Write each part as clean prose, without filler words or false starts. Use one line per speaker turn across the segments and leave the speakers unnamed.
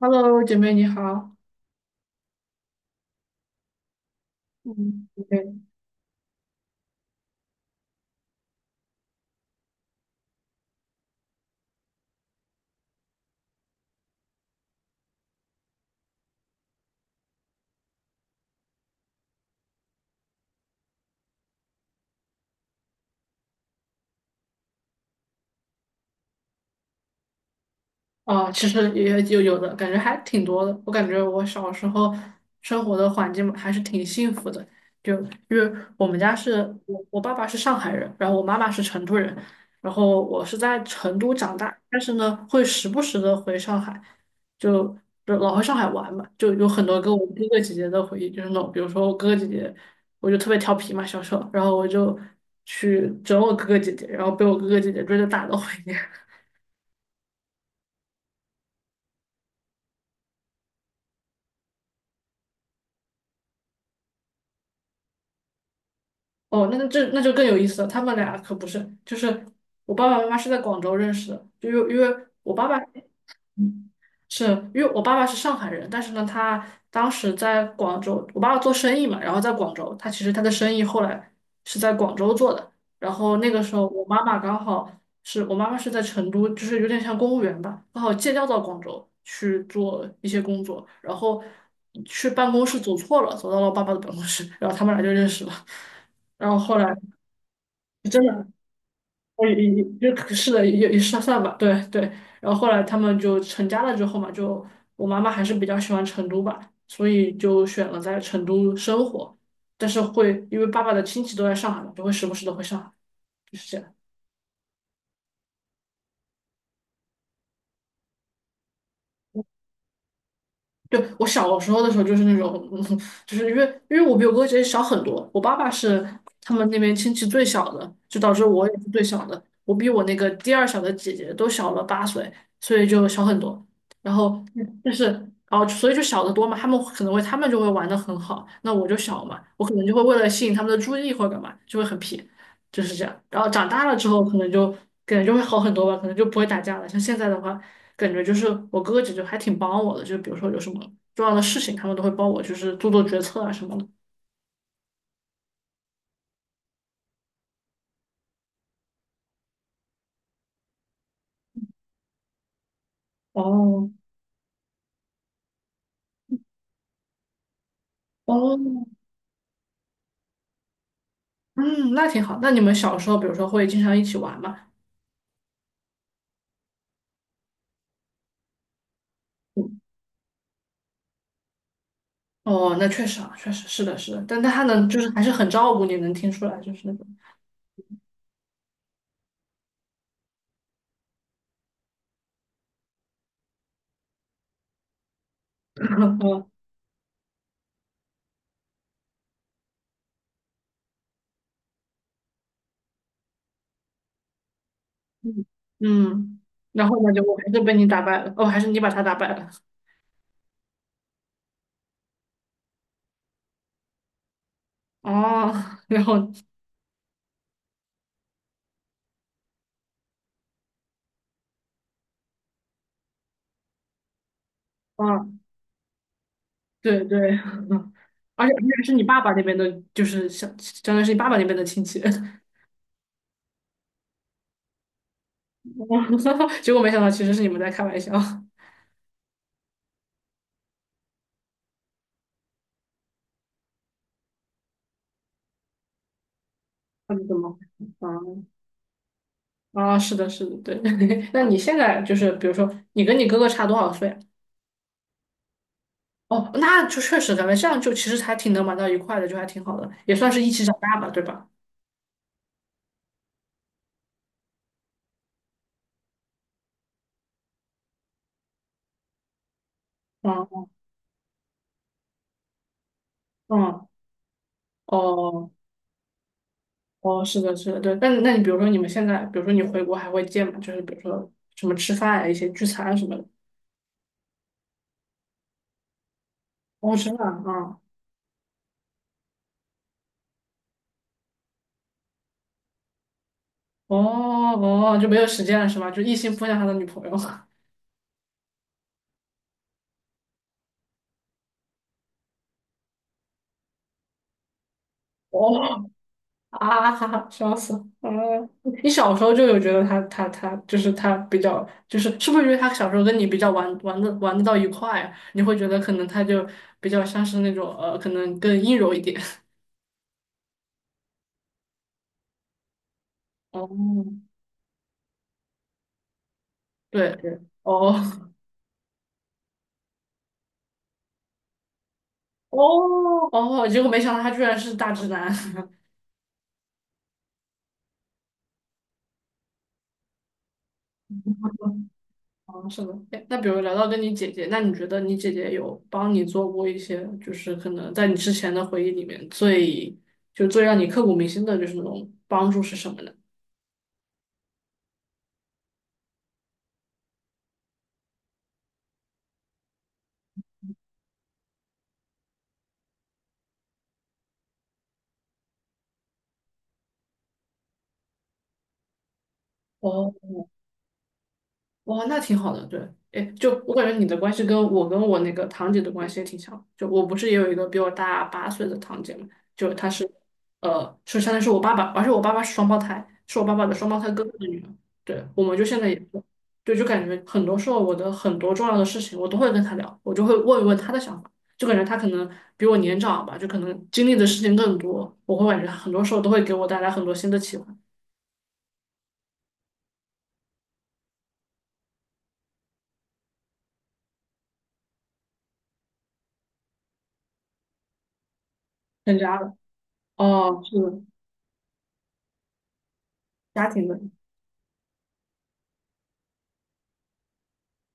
Hello，姐妹你好。嗯，对。哦，其实也有有的感觉还挺多的。我感觉我小时候生活的环境还是挺幸福的，就因为我们家是我爸爸是上海人，然后我妈妈是成都人，然后我是在成都长大，但是呢会时不时的回上海，就就老回上海玩嘛，就有很多跟我哥哥姐姐的回忆，就是那种比如说我哥哥姐姐，我就特别调皮嘛，小时候，然后我就去整我哥哥姐姐，然后被我哥哥姐姐追着打的回忆。哦，那就更有意思了。他们俩可不是，就是我爸爸妈妈是在广州认识的，就因为我爸爸，嗯是因为我爸爸是上海人，但是呢，他当时在广州，我爸爸做生意嘛，然后在广州，他其实他的生意后来是在广州做的。然后那个时候，我妈妈刚好是我妈妈是在成都，就是有点像公务员吧，刚好借调到广州去做一些工作，然后去办公室走错了，走到了我爸爸的办公室，然后他们俩就认识了。然后后来真的。我也就是的，也算吧，对对。然后后来他们就成家了之后嘛，就我妈妈还是比较喜欢成都吧，所以就选了在成都生活。但是会因为爸爸的亲戚都在上海嘛，就会时不时的回上海，就是这样。就我小时候的时候，就是那种，就是因为我比我哥姐姐小很多，我爸爸是他们那边亲戚最小的，就导致我也是最小的，我比我那个第二小的姐姐都小了八岁，所以就小很多。然后但是，哦，所以就小得多嘛，他们可能会，他们就会玩得很好，那我就小嘛，我可能就会为了吸引他们的注意或者干嘛，就会很皮，就是这样。然后长大了之后，可能就会好很多吧，可能就不会打架了。像现在的话。感觉就是我哥哥姐姐还挺帮我的，就比如说有什么重要的事情，他们都会帮我，就是做做决策啊什么的。哦哦，嗯，那挺好。那你们小时候，比如说会经常一起玩吗？嗯，哦，那确实啊，确实是的，是的。但他能就是还是很照顾你，能听出来，就是那种。嗯嗯嗯。然后呢，就我还是被你打败了，哦，还是你把他打败了。哦，然后，啊，对对，而且是你爸爸那边的，就是相当于是你爸爸那边的亲戚。结果没想到其实是你们在开玩笑。他们怎么？啊啊，是的，是的，对。那你现在就是，比如说，你跟你哥哥差多少岁啊？哦，那就确实咱们这样就其实还挺能玩到一块的，就还挺好的，也算是一起长大吧，对吧？嗯嗯，哦哦，是的，是的，对。那你比如说你们现在，比如说你回国还会见吗？就是比如说什么吃饭啊，一些聚餐啊什么的。哦，真的啊，嗯。哦哦，就没有时间了是吗？就一心扑向他的女朋友。哦啊哈哈，笑死！啊，你小时候就有觉得他就是他比较就是是不是因为他小时候跟你比较玩玩的玩得到一块啊，你会觉得可能他就比较像是那种可能更阴柔一点。哦，对对，哦哦哦，结果没想到他居然是大直男。哦，是的。哎那比如聊到跟你姐姐，那你觉得你姐姐有帮你做过一些，就是可能在你之前的回忆里面最让你刻骨铭心的就是那种帮助是什么呢？哦。哇，那挺好的，对。哎，就我感觉你的关系跟我那个堂姐的关系也挺像，就我不是也有一个比我大八岁的堂姐嘛，就她是，是相当于是我爸爸，而且我爸爸是双胞胎，是我爸爸的双胞胎哥哥的女儿，对，我们就现在也是，对，就感觉很多时候我的很多重要的事情我都会跟她聊，我就会问一问她的想法，就感觉她可能比我年长吧，就可能经历的事情更多，我会感觉她很多时候都会给我带来很多新的启发，增加了，哦，是的家庭的，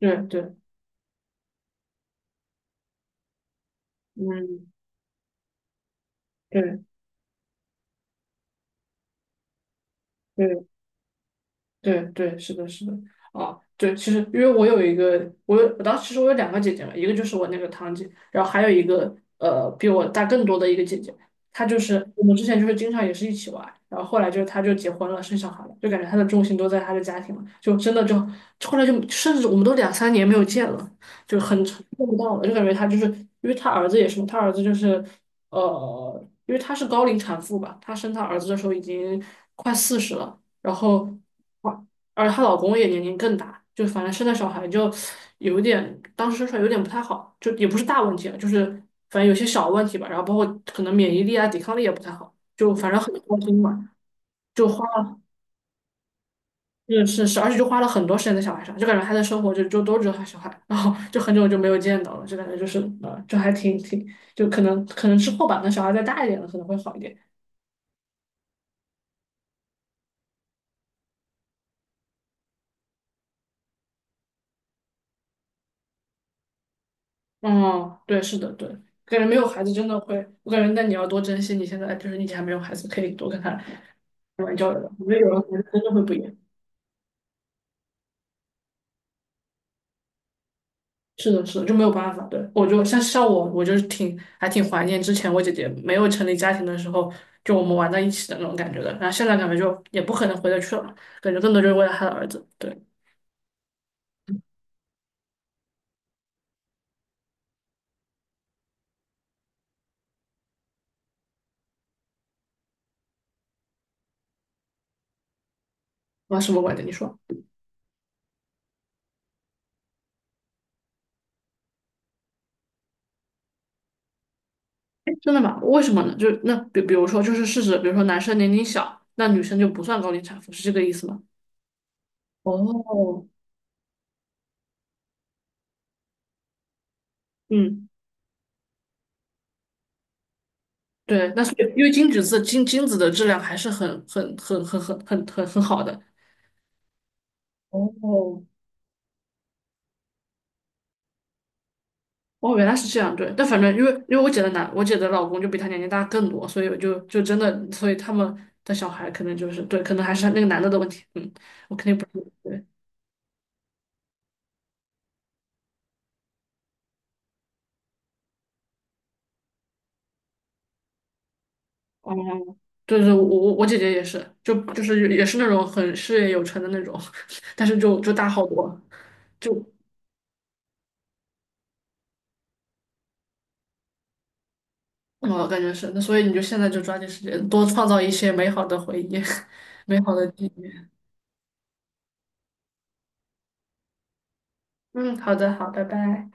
对对。嗯，对对，对对，是的，是的，啊，对，其实因为我有一个，我有我当时其实我有两个姐姐嘛，一个就是我那个堂姐，然后还有一个比我大更多的一个姐姐，她就是我们之前就是经常也是一起玩，然后后来就是她就结婚了，生小孩了，就感觉她的重心都在她的家庭嘛，就真的就后来就甚至我们都两三年没有见了，就很见不到了，就感觉她就是因为她儿子也是嘛，她儿子就是因为她是高龄产妇吧，她生她儿子的时候已经快40了。然后哇，而她老公也年龄更大，就反正生的小孩就有点，当时生出来有点不太好，就也不是大问题了，就是反正有些小问题吧，然后包括可能免疫力啊、抵抗力也不太好，就反正很糟心嘛，就花了，就是是，而且就花了很多时间在小孩上，就感觉她的生活就都只有她小孩，然后就很久就没有见到了，就感觉就是就还挺，就可能之后吧，那小孩再大一点了，可能会好一点。嗯，对，是的，对，感觉没有孩子真的会，我感觉那你要多珍惜你现在，就是你以前还没有孩子，可以多跟他玩交流的。我觉得有了孩子真的会不一样。是的，是的，就没有办法。对，我就像我，我就是还挺怀念之前我姐姐没有成立家庭的时候，就我们玩在一起的那种感觉的。然后现在感觉就也不可能回得去了嘛，感觉更多就是为了他的儿子。对，我什么观点？你说？哎，真的吗？为什么呢？就是那比如说，就是事实，比如说男生年龄小，那女生就不算高龄产妇，是这个意思吗？哦，嗯，对，那是因为金子的质量还是很好的。哦，哦，原来是这样，对。但反正因为我姐的男，我姐的老公就比她年龄大更多，所以我就真的，所以他们的小孩可能就是对，可能还是那个男的的问题。嗯，我肯定不是对。哦，对对，我姐姐也是，就是也是那种很事业有成的那种，但是就大好多。就。我感觉是，那所以你就现在就抓紧时间多创造一些美好的回忆，美好的记忆。嗯，好的，好，拜拜。